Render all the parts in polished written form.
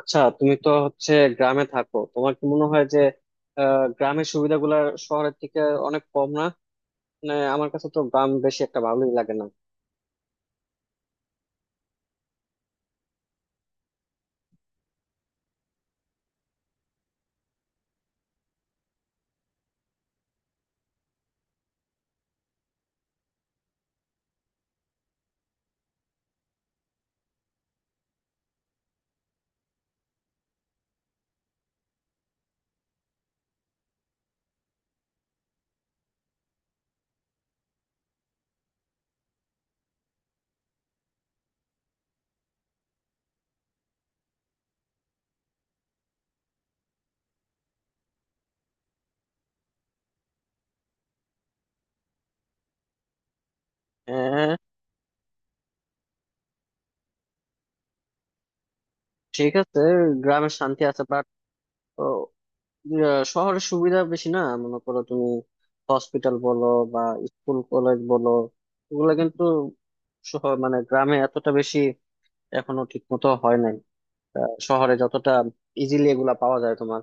আচ্ছা, তুমি তো হচ্ছে গ্রামে থাকো। তোমার কি মনে হয় যে গ্রামের সুবিধাগুলা শহরের থেকে অনেক কম না? মানে আমার কাছে তো গ্রাম বেশি একটা ভালোই লাগে না। হ্যাঁ, ঠিক আছে, গ্রামের শান্তি আছে, বাট শহরের সুবিধা বেশি না মনে করো তুমি? হসপিটাল বলো, বা স্কুল কলেজ বলো, এগুলা কিন্তু শহর মানে গ্রামে এতটা বেশি এখনো ঠিক মতো হয় নাই। শহরে যতটা ইজিলি এগুলা পাওয়া যায় তোমার।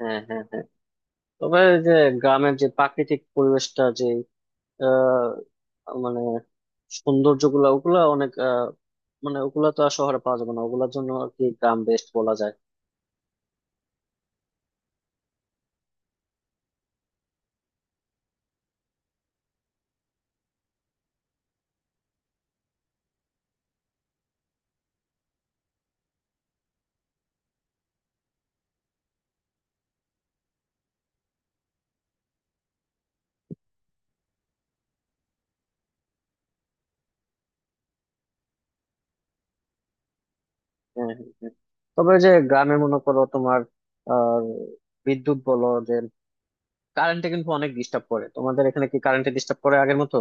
হ্যাঁ, হ্যাঁ, হ্যাঁ। তবে এই যে গ্রামের যে প্রাকৃতিক পরিবেশটা যে আহ মানে সৌন্দর্য গুলা, ওগুলা অনেক মানে ওগুলা তো আর শহরে পাওয়া যাবে না, ওগুলার জন্য আর কি গ্রাম বেস্ট বলা যায়। হ্যাঁ, হ্যাঁ, হ্যাঁ। তবে এই যে গ্রামে মনে করো তোমার আহ বিদ্যুৎ বলো যে কারেন্টে কিন্তু অনেক ডিস্টার্ব করে। তোমাদের এখানে কি কারেন্টে ডিস্টার্ব করে আগের মতো?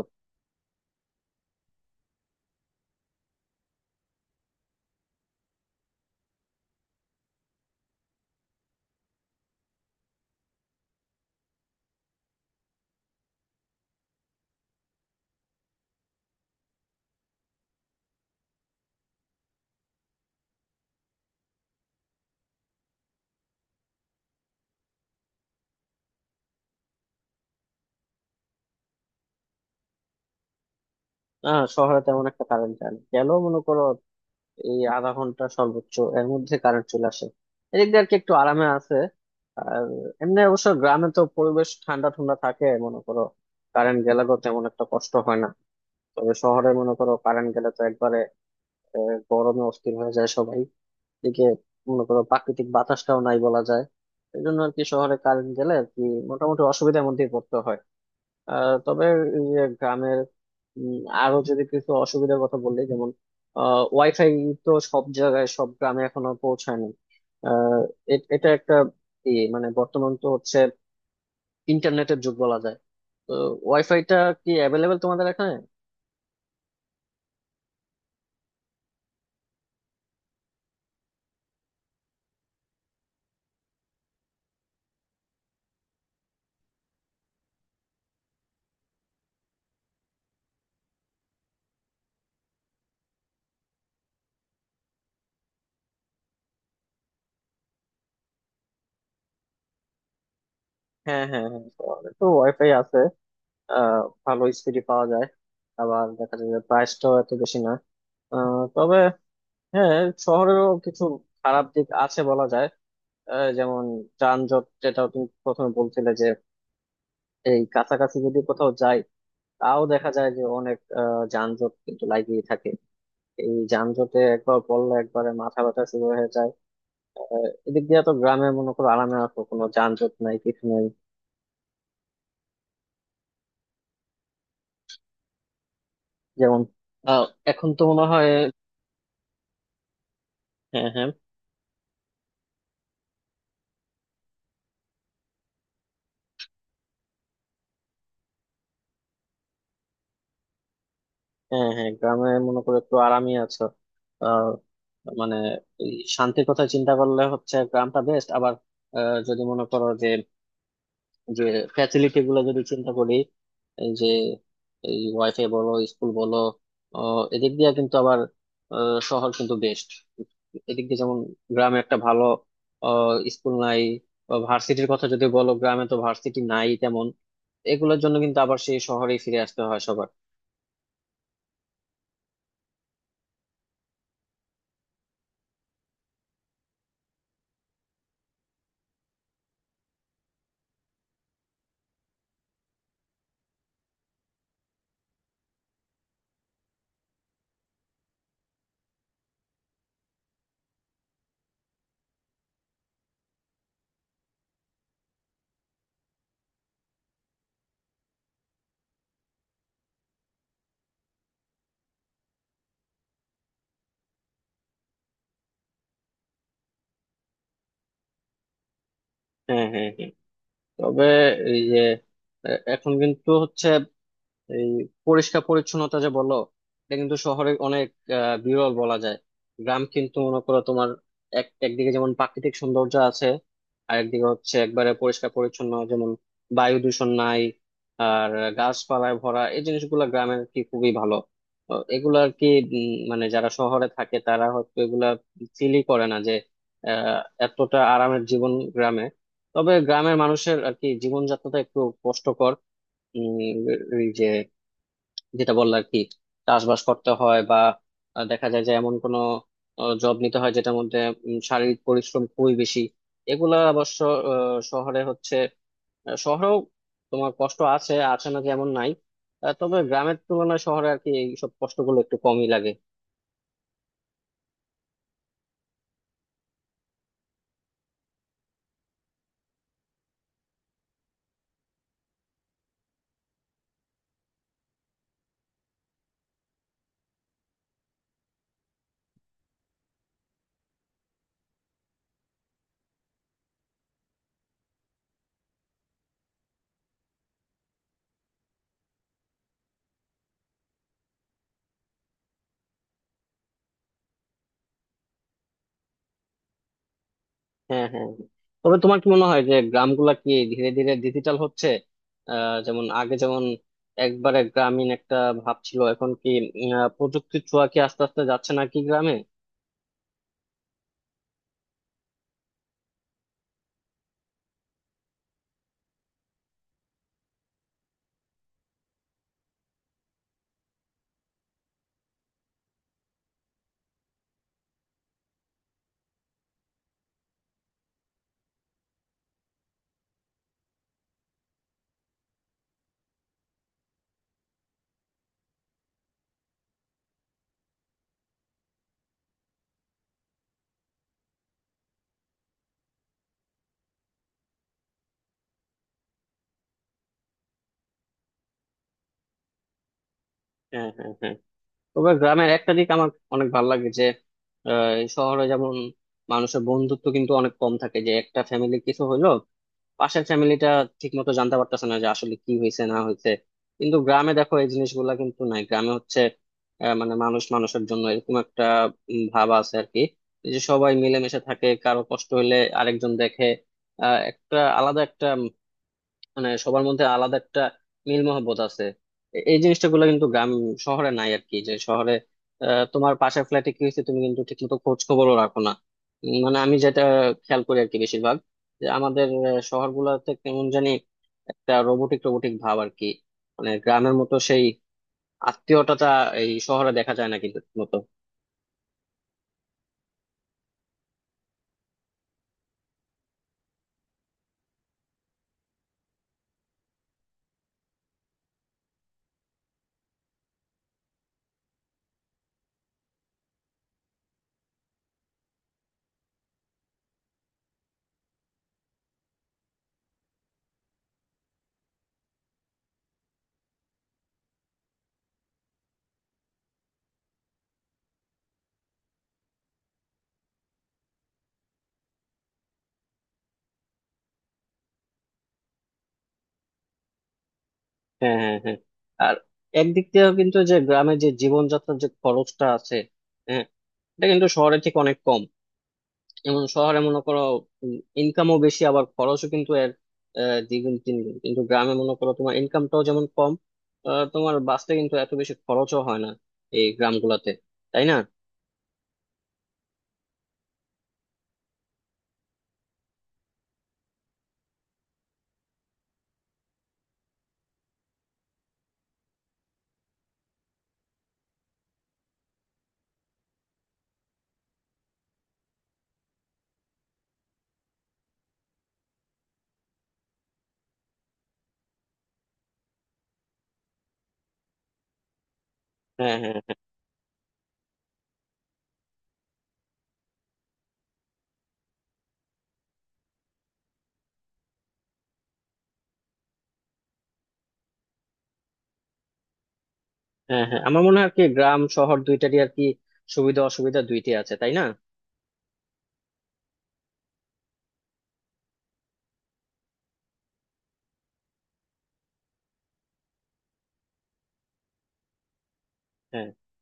হ্যাঁ, শহরে তেমন একটা কারেন্ট গেল মনে করো, এই আধা ঘন্টা সর্বোচ্চ এর মধ্যে কারেন্ট চলে আসে। এদিক দিয়ে আর কি একটু আরামে আছে। আর এমনি অবশ্য গ্রামে তো পরিবেশ ঠান্ডা ঠান্ডা থাকে মনে করো, কারেন্ট গেলে তো তেমন একটা কষ্ট হয় না। তবে শহরে মনে করো কারেন্ট গেলে তো একবারে গরমে অস্থির হয়ে যায় সবাই। এদিকে মনে করো প্রাকৃতিক বাতাসটাও নাই বলা যায়। এই জন্য আর কি শহরে কারেন্ট গেলে আর কি মোটামুটি অসুবিধার মধ্যেই পড়তে হয়। তবে এই যে গ্রামের উম, আরো যদি কিছু অসুবিধার কথা বলি, যেমন ওয়াইফাই তো সব জায়গায় সব গ্রামে এখনো পৌঁছায়নি। আহ, এটা একটা মানে বর্তমান তো হচ্ছে ইন্টারনেটের যুগ বলা যায়। তো ওয়াইফাইটা কি অ্যাভেলেবেল তোমাদের এখানে? হ্যাঁ, হ্যাঁ, হ্যাঁ, শহরে তো ওয়াইফাই আছে, আহ, ভালো স্পিডে পাওয়া যায়। আবার দেখা যায় যে প্রাইসটাও এত বেশি না। তবে হ্যাঁ, শহরেরও কিছু খারাপ দিক আছে বলা যায়। যেমন যানজট, যেটা তুমি প্রথমে বলছিলে যে এই কাছাকাছি যদি কোথাও যাই, তাও দেখা যায় যে অনেক যানজট কিন্তু লাগিয়ে থাকে। এই যানজটে একবার পড়লে একবারে মাথা ব্যথা শুরু হয়ে যায়। এদিক দিয়ে তো গ্রামে মনে করো আরামে আসো, কোনো যানজট নাই কিছু নাই। যেমন আহ, এখন তো মনে হয়। হ্যাঁ, হ্যাঁ, হ্যাঁ। হ্যাঁ, গ্রামে মনে করো একটু আরামই আছো। আহ, মানে এই শান্তির কথা চিন্তা করলে হচ্ছে গ্রামটা বেস্ট। আবার যদি মনে করো যে যে ফ্যাসিলিটি গুলো যদি চিন্তা করি, এই যে এই ওয়াইফাই বলো স্কুল বলো, এদিক দিয়ে কিন্তু আবার শহর কিন্তু বেস্ট। এদিক দিয়ে যেমন গ্রামে একটা ভালো স্কুল নাই, ভার্সিটির কথা যদি বলো গ্রামে তো ভার্সিটি নাই তেমন। এগুলোর জন্য কিন্তু আবার সেই শহরেই ফিরে আসতে হয় সবার। হ্যাঁ, হ্যাঁ, হ্যাঁ। তবে এই যে এখন কিন্তু হচ্ছে এই পরিষ্কার পরিচ্ছন্নতা যে বললো, এটা কিন্তু শহরে অনেক বিরল বলা যায়। গ্রাম কিন্তু মনে করো তোমার একদিকে যেমন প্রাকৃতিক সৌন্দর্য আছে, আর একদিকে হচ্ছে একবারে পরিষ্কার পরিচ্ছন্ন, যেমন বায়ু দূষণ নাই, আর গাছপালায় ভরা, এই জিনিসগুলো গ্রামের কি খুবই ভালো। তো এগুলো আর কি মানে যারা শহরে থাকে তারা হয়তো এগুলা ফিলই করে না যে আহ এতটা আরামের জীবন গ্রামে। তবে গ্রামের মানুষের আর কি জীবনযাত্রাটা একটু কষ্টকর। উম, এই যে যেটা বললো আর কি চাষবাস করতে হয়, বা দেখা যায় যে এমন কোনো জব নিতে হয় যেটার মধ্যে শারীরিক পরিশ্রম খুবই বেশি। এগুলা অবশ্য শহরে হচ্ছে, শহরেও তোমার কষ্ট আছে, আছে না যে এমন নাই। তবে গ্রামের তুলনায় শহরে আর কি এইসব কষ্টগুলো একটু কমই লাগে। হ্যাঁ, হ্যাঁ। তবে তোমার কি মনে হয় যে গ্রামগুলা কি ধীরে ধীরে ডিজিটাল হচ্ছে? যেমন আগে যেমন একবারে গ্রামীণ একটা ভাব ছিল, এখন কি প্রযুক্তির ছোঁয়া কি আস্তে আস্তে যাচ্ছে নাকি গ্রামে? হ্যাঁ, হ্যাঁ, হ্যাঁ। তবে গ্রামের একটা দিক আমার অনেক ভালো লাগে যে আহ, এই শহরে যেমন মানুষের বন্ধুত্ব কিন্তু অনেক কম থাকে, যে একটা ফ্যামিলি কিছু হইলো, পাশের ফ্যামিলিটা ঠিক মতো জানতে পারতেছে না যে আসলে কি হয়েছে না হয়েছে। কিন্তু গ্রামে দেখো এই জিনিসগুলা কিন্তু নাই, গ্রামে হচ্ছে মানে মানুষ মানুষের জন্য এরকম একটা ভাব আছে আর কি। এই যে সবাই মিলেমিশে থাকে, কারো কষ্ট হলে আরেকজন দেখে, একটা আলাদা একটা মানে সবার মধ্যে আলাদা একটা মিল মহব্বত আছে। এই জিনিসটা গুলো কিন্তু গ্রাম, শহরে নাই আর কি, যে শহরে তোমার পাশের ফ্ল্যাটে কি হয়েছে তুমি কিন্তু ঠিক মতো খোঁজ খবরও রাখো না। মানে আমি যেটা খেয়াল করি আর কি বেশিরভাগ, যে আমাদের শহর গুলাতে কেমন জানি একটা রোবোটিক রোবোটিক ভাব আর কি। মানে গ্রামের মতো সেই আত্মীয়তাটা এই শহরে দেখা যায় না কিন্তু ঠিক মতো। হ্যাঁ, হ্যাঁ, হ্যাঁ। আর একদিক দিয়েও কিন্তু যে গ্রামের যে জীবনযাত্রার যে খরচটা আছে, হ্যাঁ, এটা কিন্তু শহরে ঠিক অনেক কম। যেমন শহরে মনে করো ইনকামও বেশি আবার খরচও কিন্তু এর দ্বিগুণ তিনগুণ, কিন্তু গ্রামে মনে করো তোমার ইনকামটাও যেমন কম, তোমার বাঁচতে কিন্তু এত বেশি খরচও হয় না এই গ্রামগুলোতে, তাই না? হ্যাঁ, হ্যাঁ, হ্যাঁ। হ্যাঁ, হ্যাঁ, আমার মনে হয় আর কি গ্রাম শহর দুইটারই আর কি সুবিধা অসুবিধা দুইটাই আছে, তাই না? হ্যাঁ।